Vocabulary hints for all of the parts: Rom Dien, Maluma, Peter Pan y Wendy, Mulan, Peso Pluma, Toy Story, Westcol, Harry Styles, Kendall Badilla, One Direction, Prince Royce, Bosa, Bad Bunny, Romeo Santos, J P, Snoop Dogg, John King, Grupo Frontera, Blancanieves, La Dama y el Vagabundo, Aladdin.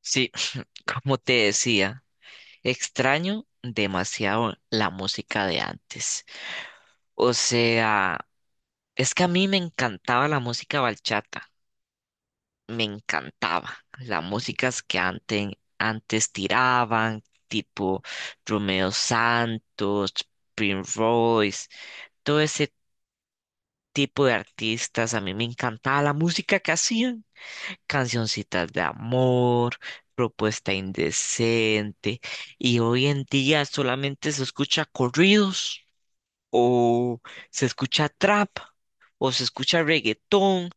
Sí, como te decía, extraño demasiado la música de antes. O sea, es que a mí me encantaba la música bachata, me encantaba. Las músicas que antes tiraban, tipo Romeo Santos, Prince Royce, todo ese tipo de artistas, a mí me encantaba la música que hacían. Cancioncitas de amor, propuesta indecente, y hoy en día solamente se escucha corridos, o se escucha trap, o se escucha reggaetón,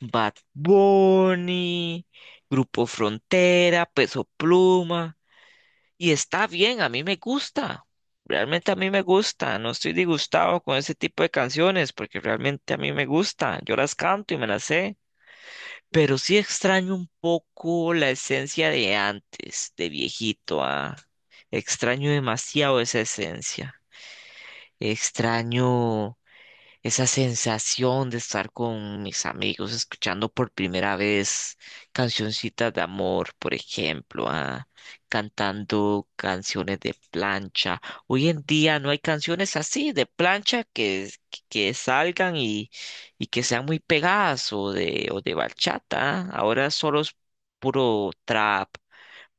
Bad Bunny, Grupo Frontera, Peso Pluma, y está bien, a mí me gusta. Realmente a mí me gusta, no estoy disgustado con ese tipo de canciones porque realmente a mí me gusta, yo las canto y me las sé. Pero sí extraño un poco la esencia de antes, de viejito, Extraño demasiado esa esencia. Extraño esa sensación de estar con mis amigos escuchando por primera vez cancioncitas de amor, por ejemplo, cantando canciones de plancha. Hoy en día no hay canciones así de plancha que salgan y que sean muy pegadas o de bachata. Ah. Ahora solo es puro trap,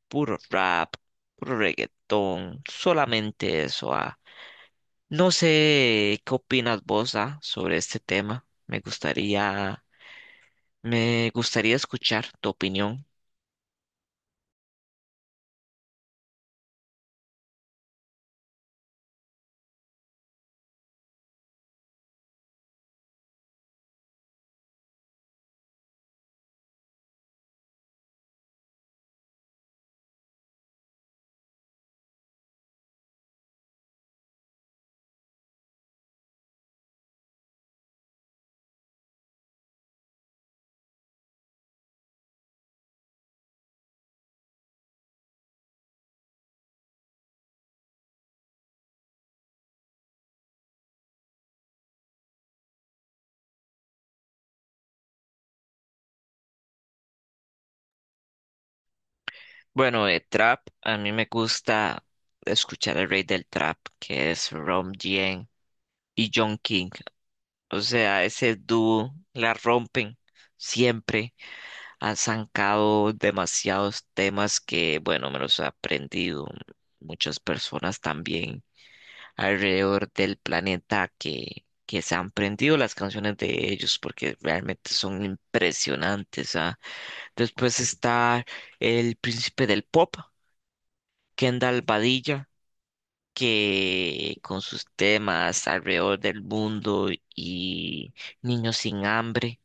puro rap, puro reggaetón, solamente eso. Ah. No sé qué opinas vos, sobre este tema. Me gustaría escuchar tu opinión. Bueno, de trap, a mí me gusta escuchar el rey del trap, que es Rom Dien y John King. O sea, ese dúo la rompen siempre. Han sacado demasiados temas que, bueno, me los he aprendido. Muchas personas también alrededor del planeta que se han aprendido las canciones de ellos porque realmente son impresionantes, Después está el príncipe del pop, Kendall Badilla, que con sus temas alrededor del mundo y niños sin hambre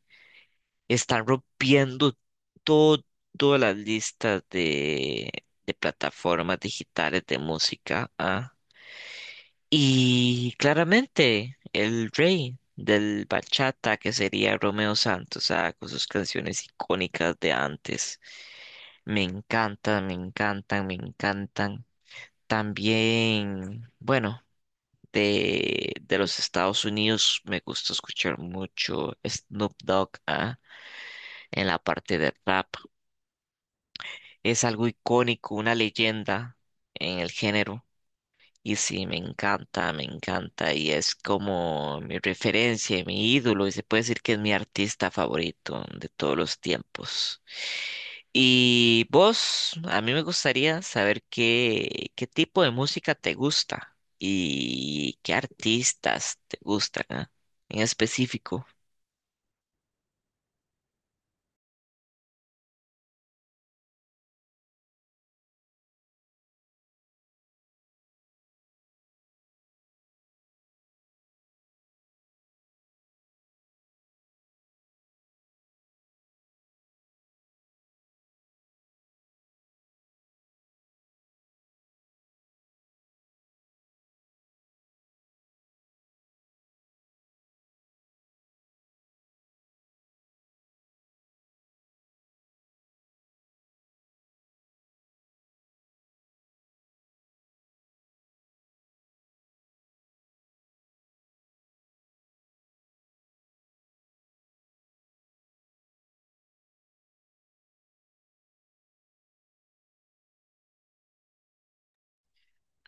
están rompiendo todo- todas las listas de plataformas digitales de música. ¿Ah? Y claramente el rey del bachata, que sería Romeo Santos, con sus canciones icónicas de antes. Me encantan, me encantan, me encantan. También, bueno, de los Estados Unidos me gusta escuchar mucho Snoop Dogg, en la parte de rap. Es algo icónico, una leyenda en el género. Y sí, me encanta y es como mi referencia, y mi ídolo y se puede decir que es mi artista favorito de todos los tiempos. Y vos, a mí me gustaría saber qué tipo de música te gusta y qué artistas te gustan, en específico.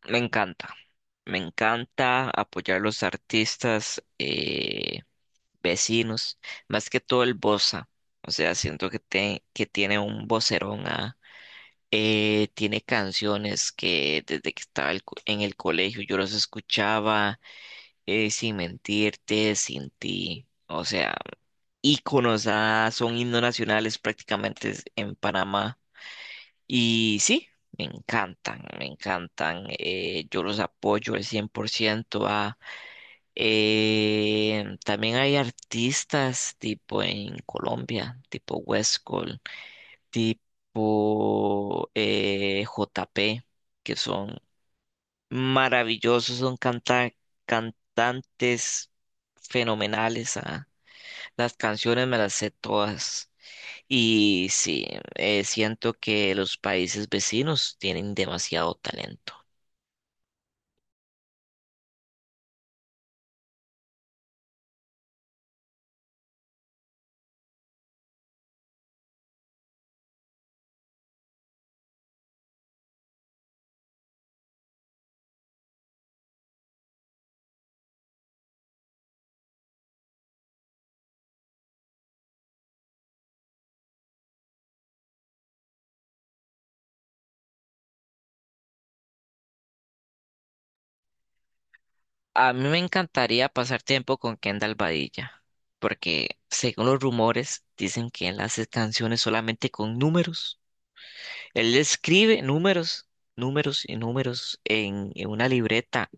Me encanta, me encanta apoyar los artistas, vecinos, más que todo el Bosa. O sea, que tiene un vocerón, tiene canciones que desde que estaba el co- en el colegio yo los escuchaba, sin mentirte, sin ti. O sea, íconos, son himnos nacionales prácticamente en Panamá, y sí. Me encantan, yo los apoyo al 100%, también hay artistas tipo en Colombia, tipo Westcol, tipo J P, que son maravillosos, son cantantes fenomenales. Ah. Las canciones me las sé todas. Y sí, siento que los países vecinos tienen demasiado talento. A mí me encantaría pasar tiempo con Kendall Badilla, porque según los rumores dicen que él hace canciones solamente con números. Él escribe números, números y números en una libreta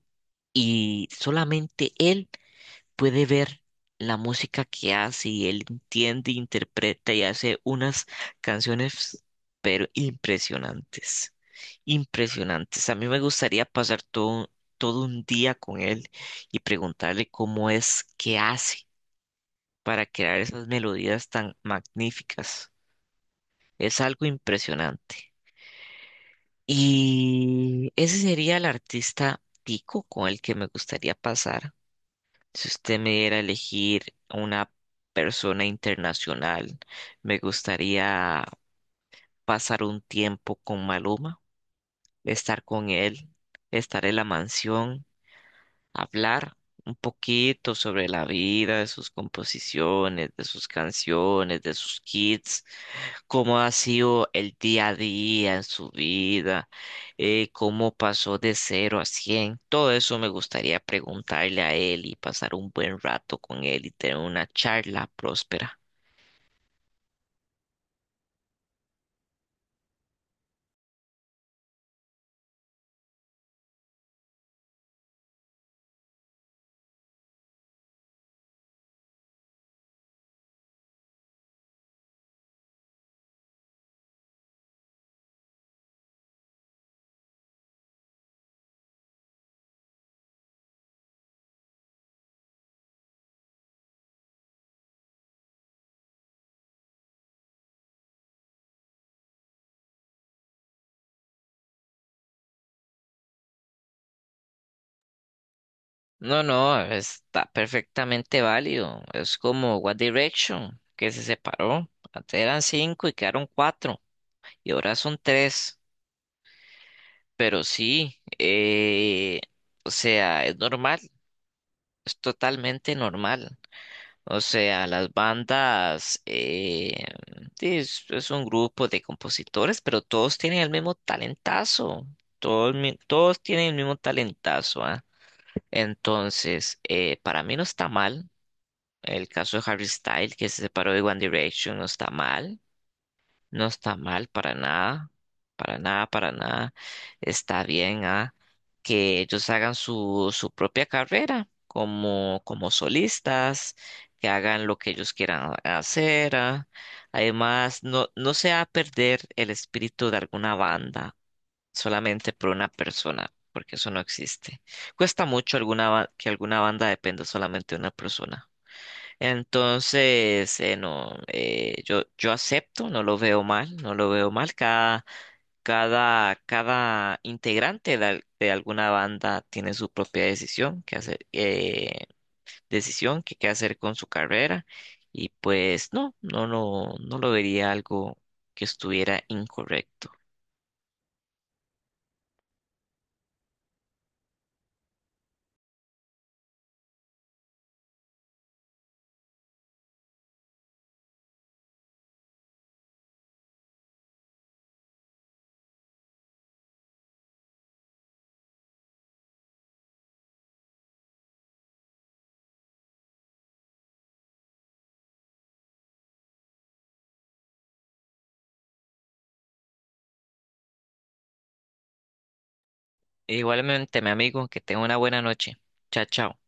y solamente él puede ver la música que hace y él entiende, interpreta y hace unas canciones, pero impresionantes, impresionantes. A mí me gustaría pasar todo un día con él y preguntarle cómo es que hace para crear esas melodías tan magníficas. Es algo impresionante. Y ese sería el artista tico con el que me gustaría pasar. Si usted me diera a elegir una persona internacional, me gustaría pasar un tiempo con Maluma, estar con él, estar en la mansión, hablar un poquito sobre la vida, de sus composiciones, de sus canciones, de sus kits, cómo ha sido el día a día en su vida, cómo pasó de cero a cien. Todo eso me gustaría preguntarle a él y pasar un buen rato con él y tener una charla próspera. No, no, está perfectamente válido. Es como One Direction, que se separó. Antes eran cinco y quedaron cuatro. Y ahora son tres. Pero sí, o sea, es normal, es totalmente normal. O sea, las bandas sí, es un grupo de compositores, pero todos tienen el mismo talentazo. Todos tienen el mismo talentazo, Entonces, para mí no está mal. El caso de Harry Styles, que se separó de One Direction, no está mal. No está mal para nada, para nada, para nada. Está bien, que ellos hagan su propia carrera como, como solistas, que hagan lo que ellos quieran hacer. Ah. Además, no, no se va a perder el espíritu de alguna banda solamente por una persona, porque eso no existe. Cuesta mucho que alguna banda dependa solamente de una persona. Entonces, no, yo acepto, no lo veo mal, no lo veo mal. Cada integrante de alguna banda tiene su propia decisión que hacer, decisión que qué hacer con su carrera. Y pues no, no lo vería algo que estuviera incorrecto. Igualmente, mi amigo, que tenga una buena noche. Chao, chao.